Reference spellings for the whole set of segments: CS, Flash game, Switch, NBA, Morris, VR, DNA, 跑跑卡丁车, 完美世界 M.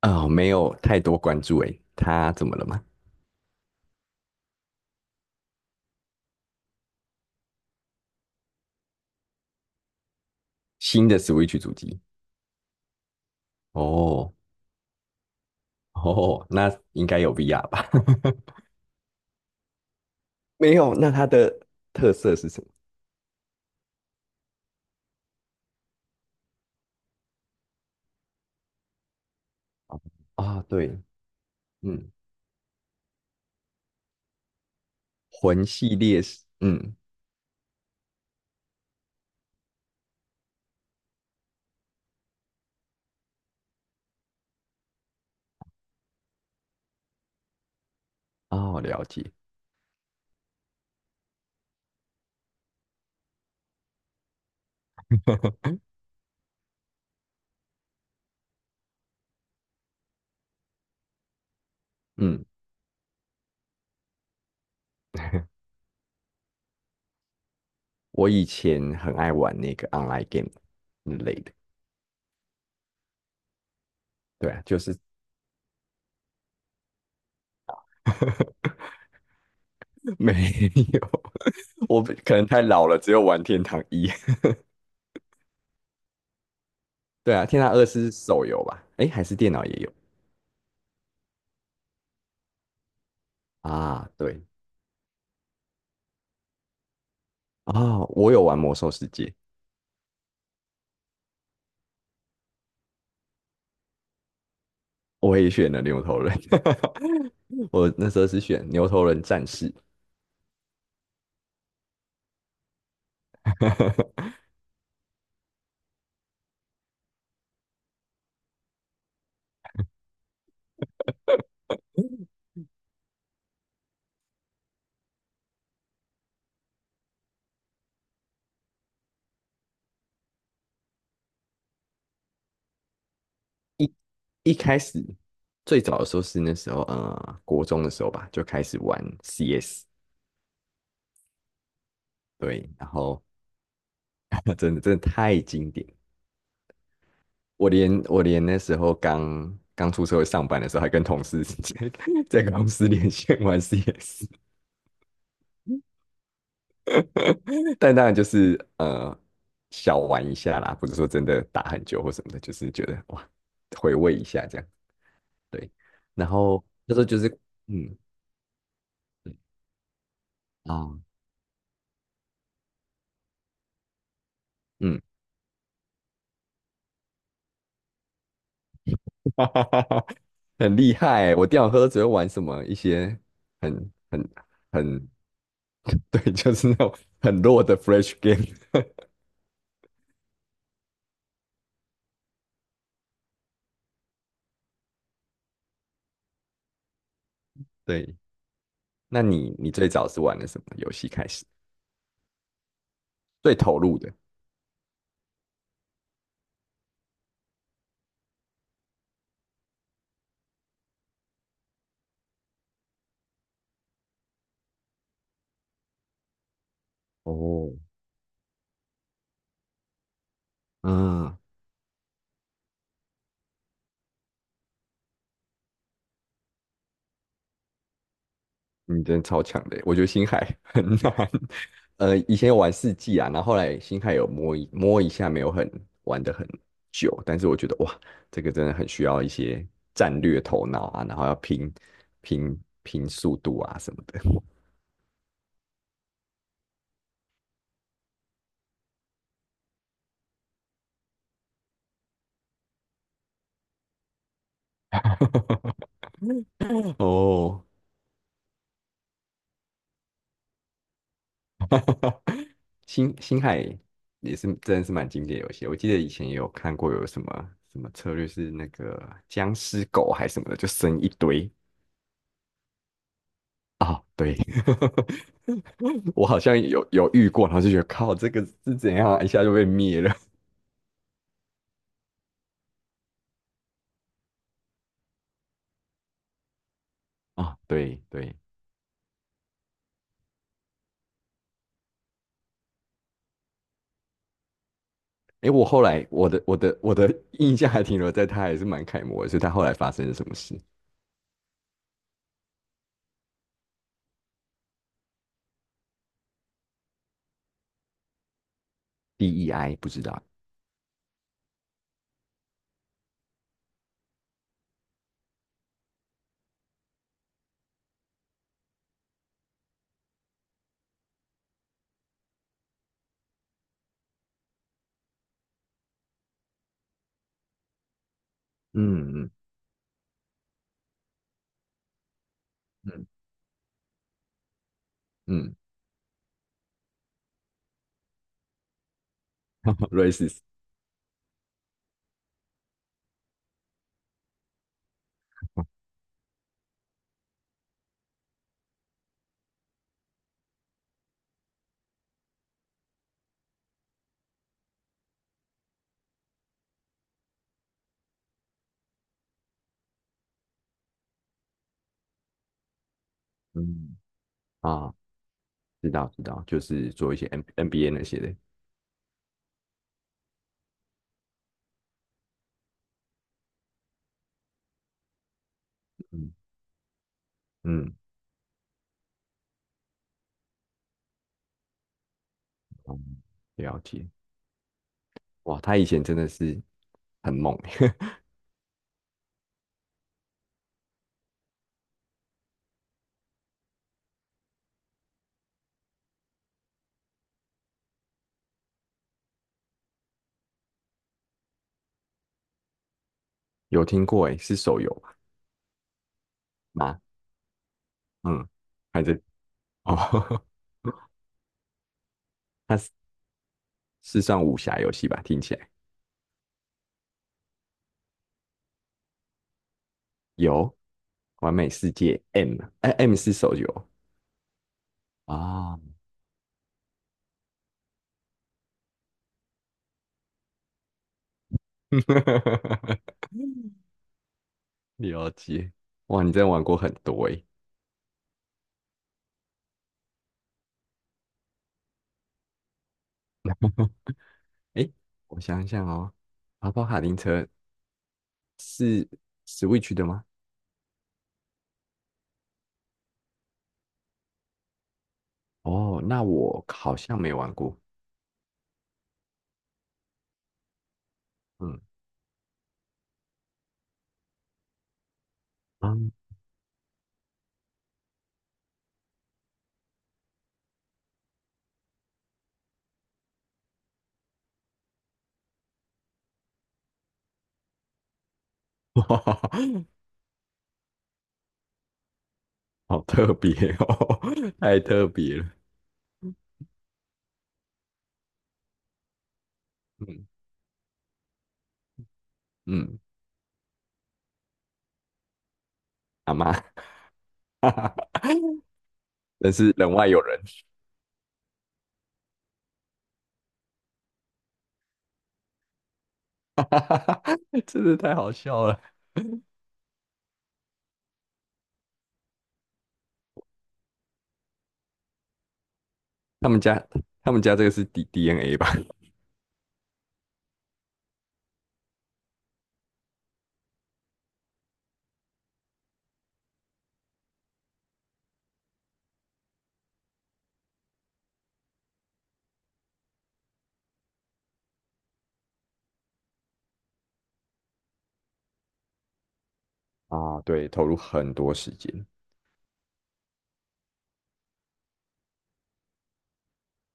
啊、没有太多关注诶，它怎么了吗？新的 Switch 主机？哦哦，那应该有 VR 吧？没有，那它的特色是什么？啊、对，嗯，魂系列是，嗯，哦，了解，嗯，我以前很爱玩那个 online game 之类的，对啊，就是 没有，我可能太老了，只有玩天堂一。对啊，天堂二是手游吧？诶，还是电脑也有啊？对，啊、我有玩魔兽世界，我也选了牛头人，我那时候是选牛头人战士。一一开始最早的时候是那时候国中的时候吧，就开始玩 CS，对，然后 真的真的太经典，我连那时候刚刚出社会上班的时候，还跟同事 在公司连线玩 CS。但当然就是小玩一下啦，不是说真的打很久或什么的，就是觉得哇回味一下这样。对，然后那时候就是嗯啊嗯，哈哈哈哈很厉害欸，我电脑科只会玩什么一些很很很 对，就是那种很弱的 Flash game。对，那你最早是玩的什么游戏开始？最投入的？哦，嗯，嗯，真的超强的耶我觉得星海 很难。以前有玩四季啊，然后后来星海有摸一摸一下，没有很玩的很久，但是我觉得哇，这个真的很需要一些战略头脑啊，然后要拼速度啊什么的。哦，星海也是真的是蛮经典的游戏，我记得以前也有看过有什么什么策略是那个僵尸狗还是什么的，就生一堆，啊，对，我好像有遇过，然后就觉得靠，这个是怎样啊一下就被灭了 啊！对对，诶，我后来我的印象还停留在他还是蛮楷模的，所以他后来发生了什么事？DEI 不知道，嗯嗯嗯，racist 嗯 racist，嗯啊，知道知道，就是做一些 NBA 那些的，嗯嗯嗯，了解。哇，他以前真的是很猛，有听过诶，是手游吗？嗯，还在哦，它是算武侠游戏吧？听起来有《完美世界 M》，哎，M 是手游啊。哦 了解，哇，你真的玩过很多诶。诶，我想想哦，跑跑卡丁车是 Switch 的吗？哦，那我好像没玩过。嗯嗯，哇好特别哦，太特别了。嗯嗯，阿妈，真是人外有人。哈哈哈哈，真的太好笑了。他们家，他们家这个是 DNA 吧？啊，对，投入很多时间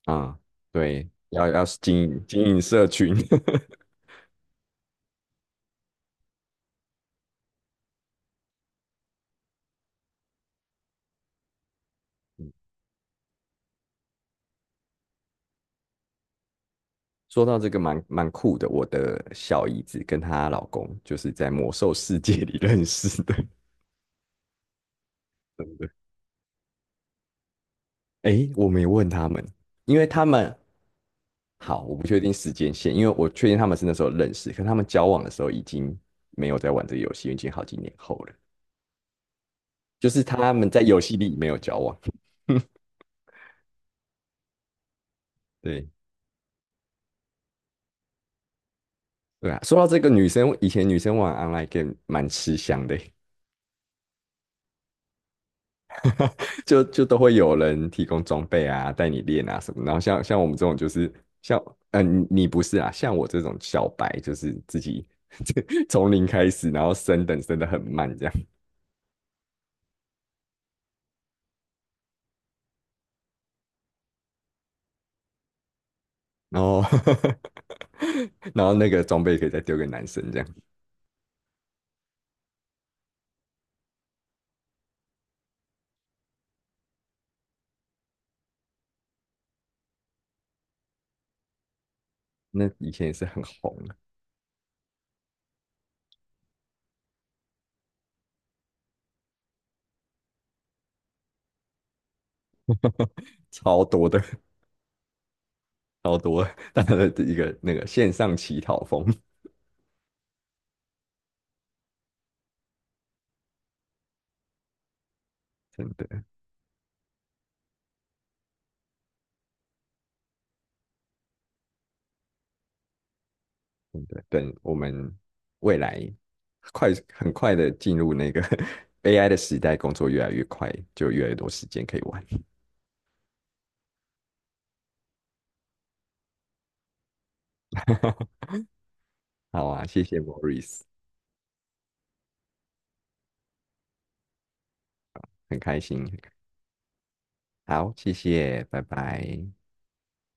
啊，对，要经营经营社群。说到这个蛮酷的，我的小姨子跟她老公就是在魔兽世界里认识的，真的。诶，我没问他们，因为他们好，我不确定时间线，因为我确定他们是那时候认识，可他们交往的时候已经没有在玩这个游戏，已经好几年后了。就是他们在游戏里没有交往。对对啊，说到这个女生，以前女生玩 online game 蛮吃香的，就都会有人提供装备啊，带你练啊什么。然后像我们这种就是像你不是啊，像我这种小白就是自己 从零开始，然后升等升的很慢这样，然后 然后那个装备可以再丢给男生这样。那以前也是很红的，超多的，超多的大家的一个那个线上乞讨风。真的真的，等我们未来很快的进入那个 AI 的时代，工作越来越快，就越来越多时间可以玩。好啊，谢谢 Morris，很开心。好，谢谢，拜拜。